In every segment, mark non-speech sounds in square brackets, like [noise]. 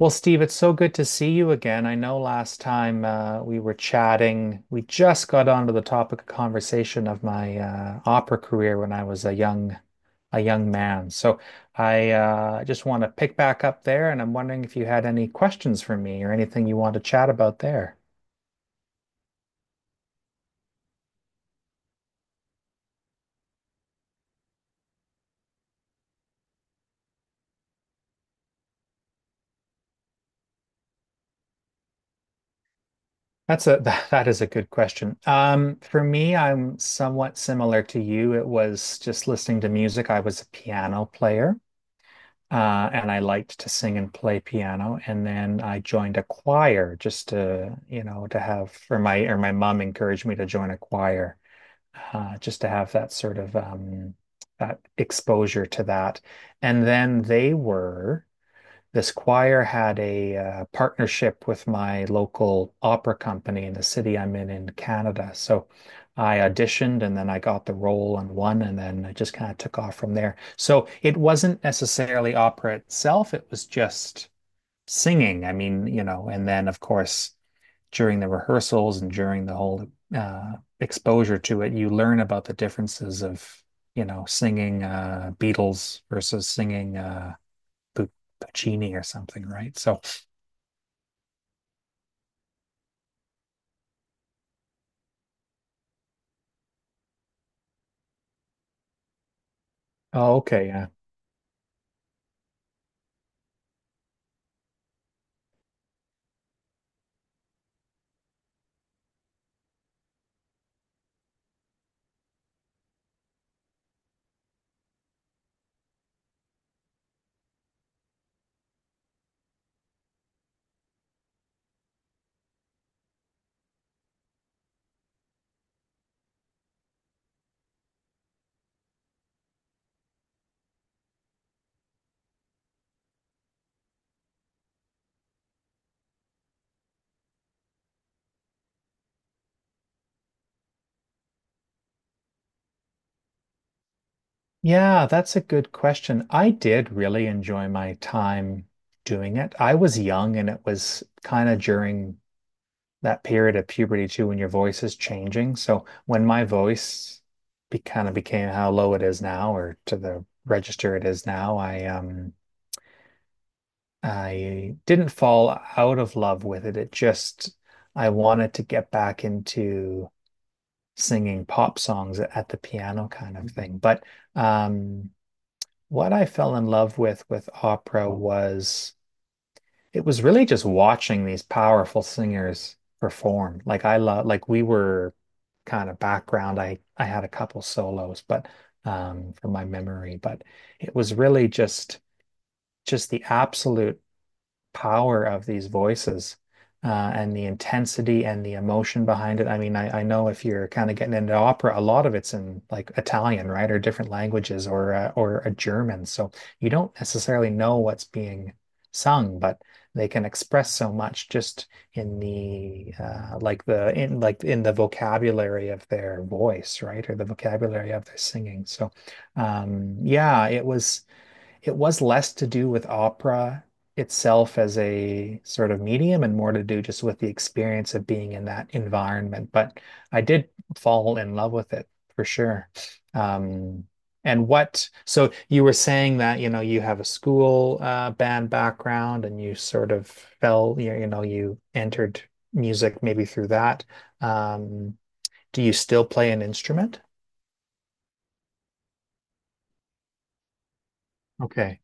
Well, Steve, it's so good to see you again. I know last time we were chatting, we just got onto the topic of conversation of my opera career when I was a young man. So I just want to pick back up there, and I'm wondering if you had any questions for me or anything you want to chat about there. That's a [laughs] that is a good question. For me, I'm somewhat similar to you. It was just listening to music. I was a piano player. And I liked to sing and play piano. And then I joined a choir just to, you know, to have, or my mom encouraged me to join a choir, just to have that sort of, that exposure to that. And then they were this choir had a partnership with my local opera company in the city I'm in Canada. So I auditioned and then I got the role and won, and then I just kind of took off from there. So it wasn't necessarily opera itself, it was just singing. I mean, you know, and then of course, during the rehearsals and during the whole uh, exposure to it, you learn about the differences of, you know, singing Beatles versus singing Puccini or something, right? So, oh, okay, yeah. Yeah, that's a good question. I did really enjoy my time doing it. I was young and it was kind of during that period of puberty too when your voice is changing. So when my voice be kind of became how low it is now or to the register it is now, I didn't fall out of love with it. It just I wanted to get back into singing pop songs at the piano kind of thing. But um, what I fell in love with opera was it was really just watching these powerful singers perform. Like I love, like we were kind of background. I had a couple solos, but from my memory, but it was really just the absolute power of these voices and the intensity and the emotion behind it. I mean, I know if you're kind of getting into opera, a lot of it's in like Italian, right, or different languages, or a German, so you don't necessarily know what's being sung, but they can express so much just in the like the in like in the vocabulary of their voice, right, or the vocabulary of their singing. So, yeah, it was less to do with opera itself as a sort of medium and more to do just with the experience of being in that environment. But I did fall in love with it for sure. Um, and what, so you were saying that, you know, you have a school band background and you sort of you know, you entered music maybe through that. Um, do you still play an instrument? Okay.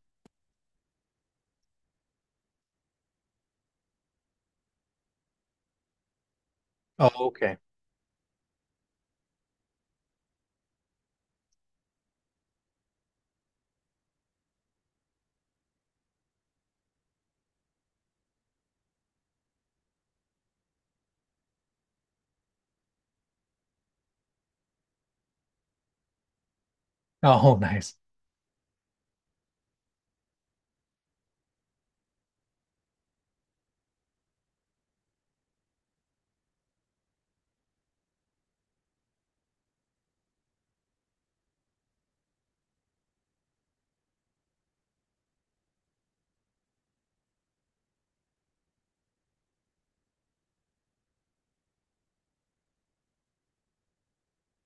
Oh, okay. Oh, [laughs] nice.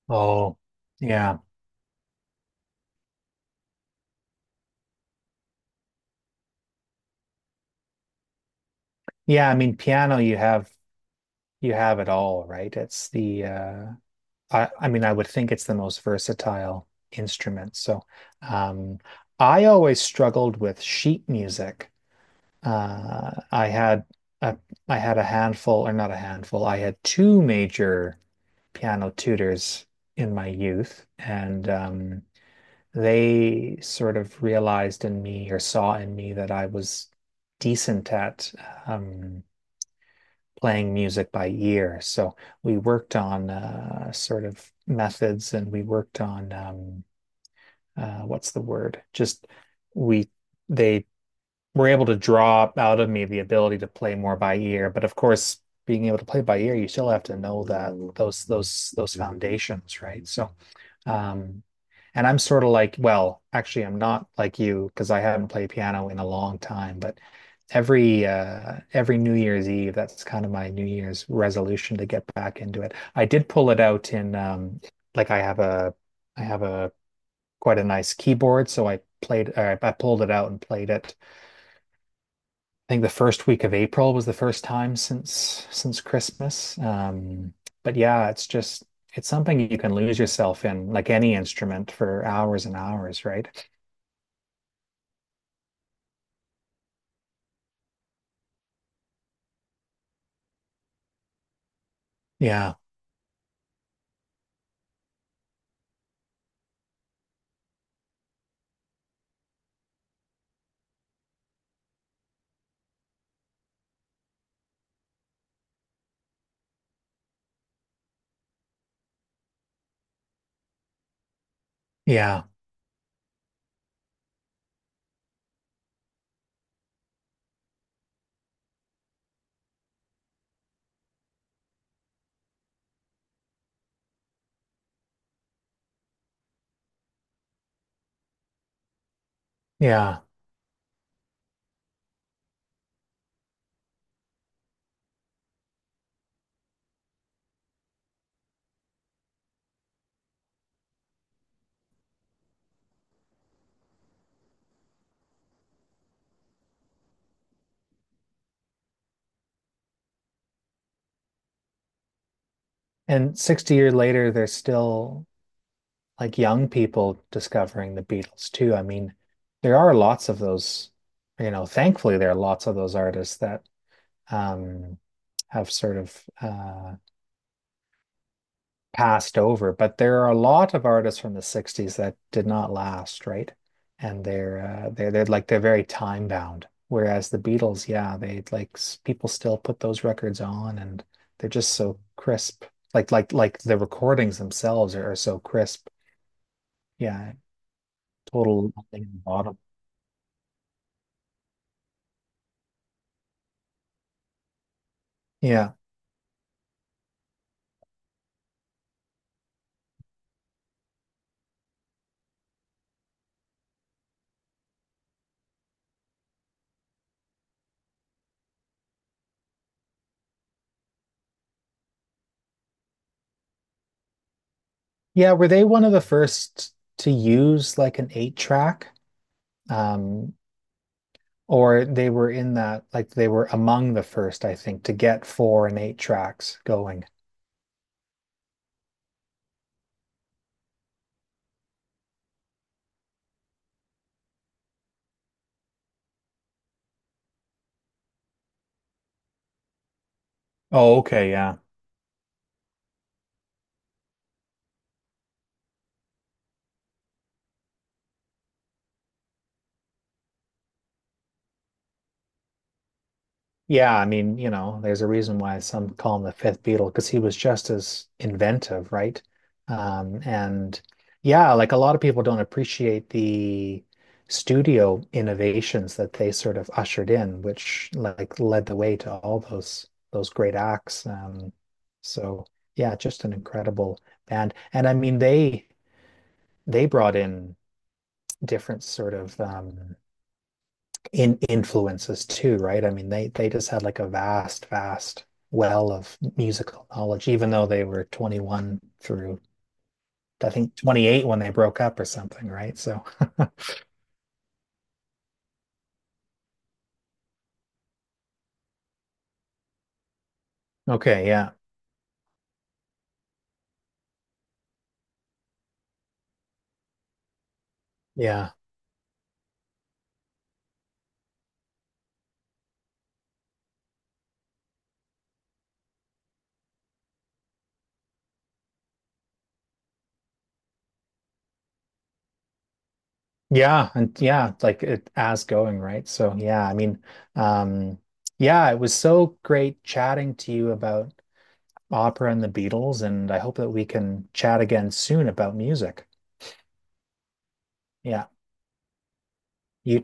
Oh, yeah. Yeah, I mean piano you have it all, right? It's the I mean I would think it's the most versatile instrument. So um I always struggled with sheet music. Uh I had a I had a handful or not a handful. I had two major piano tutors in my youth and they sort of realized in me or saw in me that I was decent at um playing music by ear. So we worked on sort of methods and we worked on what's the word? Just we they were able to draw out of me the ability to play more by ear. But of course, being able to play by ear, you still have to know that those foundations, right? So um, and I'm sort of like, well, actually, I'm not like you because I haven't played piano in a long time, but every New Year's Eve, that's kind of my New Year's resolution to get back into it. I did pull it out in like I have a quite a nice keyboard, so I played or I pulled it out and played it I think the first week of April was the first time since Christmas. But yeah, it's just it's something you can lose yourself in, like any instrument, for hours and hours, right? Yeah, yeah, yeah. And 60 years later, there's still like young people discovering the Beatles too. I mean, there are lots of those, you know, thankfully there are lots of those artists that um have sort of passed over, but there are a lot of artists from the 60s that did not last, right? And they're very time bound. Whereas the Beatles, yeah, they like s- people still put those records on and they're just so crisp. Like the recordings themselves are so crisp. Yeah, total nothing in the bottom. Yeah. Yeah, were they one of the first to use like an eight track? Um, Or they were in that, like they were among the first, I think, to get four and eight tracks going. Oh, okay, yeah. Yeah, I mean, you know, there's a reason why some call him the fifth Beatle because he was just as inventive, right? And yeah, like a lot of people don't appreciate the studio innovations that they sort of ushered in, which like led the way to all those great acts. So yeah, just an incredible band. And I mean, they brought in different sort of in influences too, right? I mean, they just had like a vast well of musical knowledge, even though they were 21 through I think 28 when they broke up or something, right? So, [laughs] okay, yeah, yeah, yeah, and yeah, like it as going, right? So, yeah, I mean, um, yeah, it was so great chatting to you about opera and the Beatles, and I hope that we can chat again soon about music. Yeah, you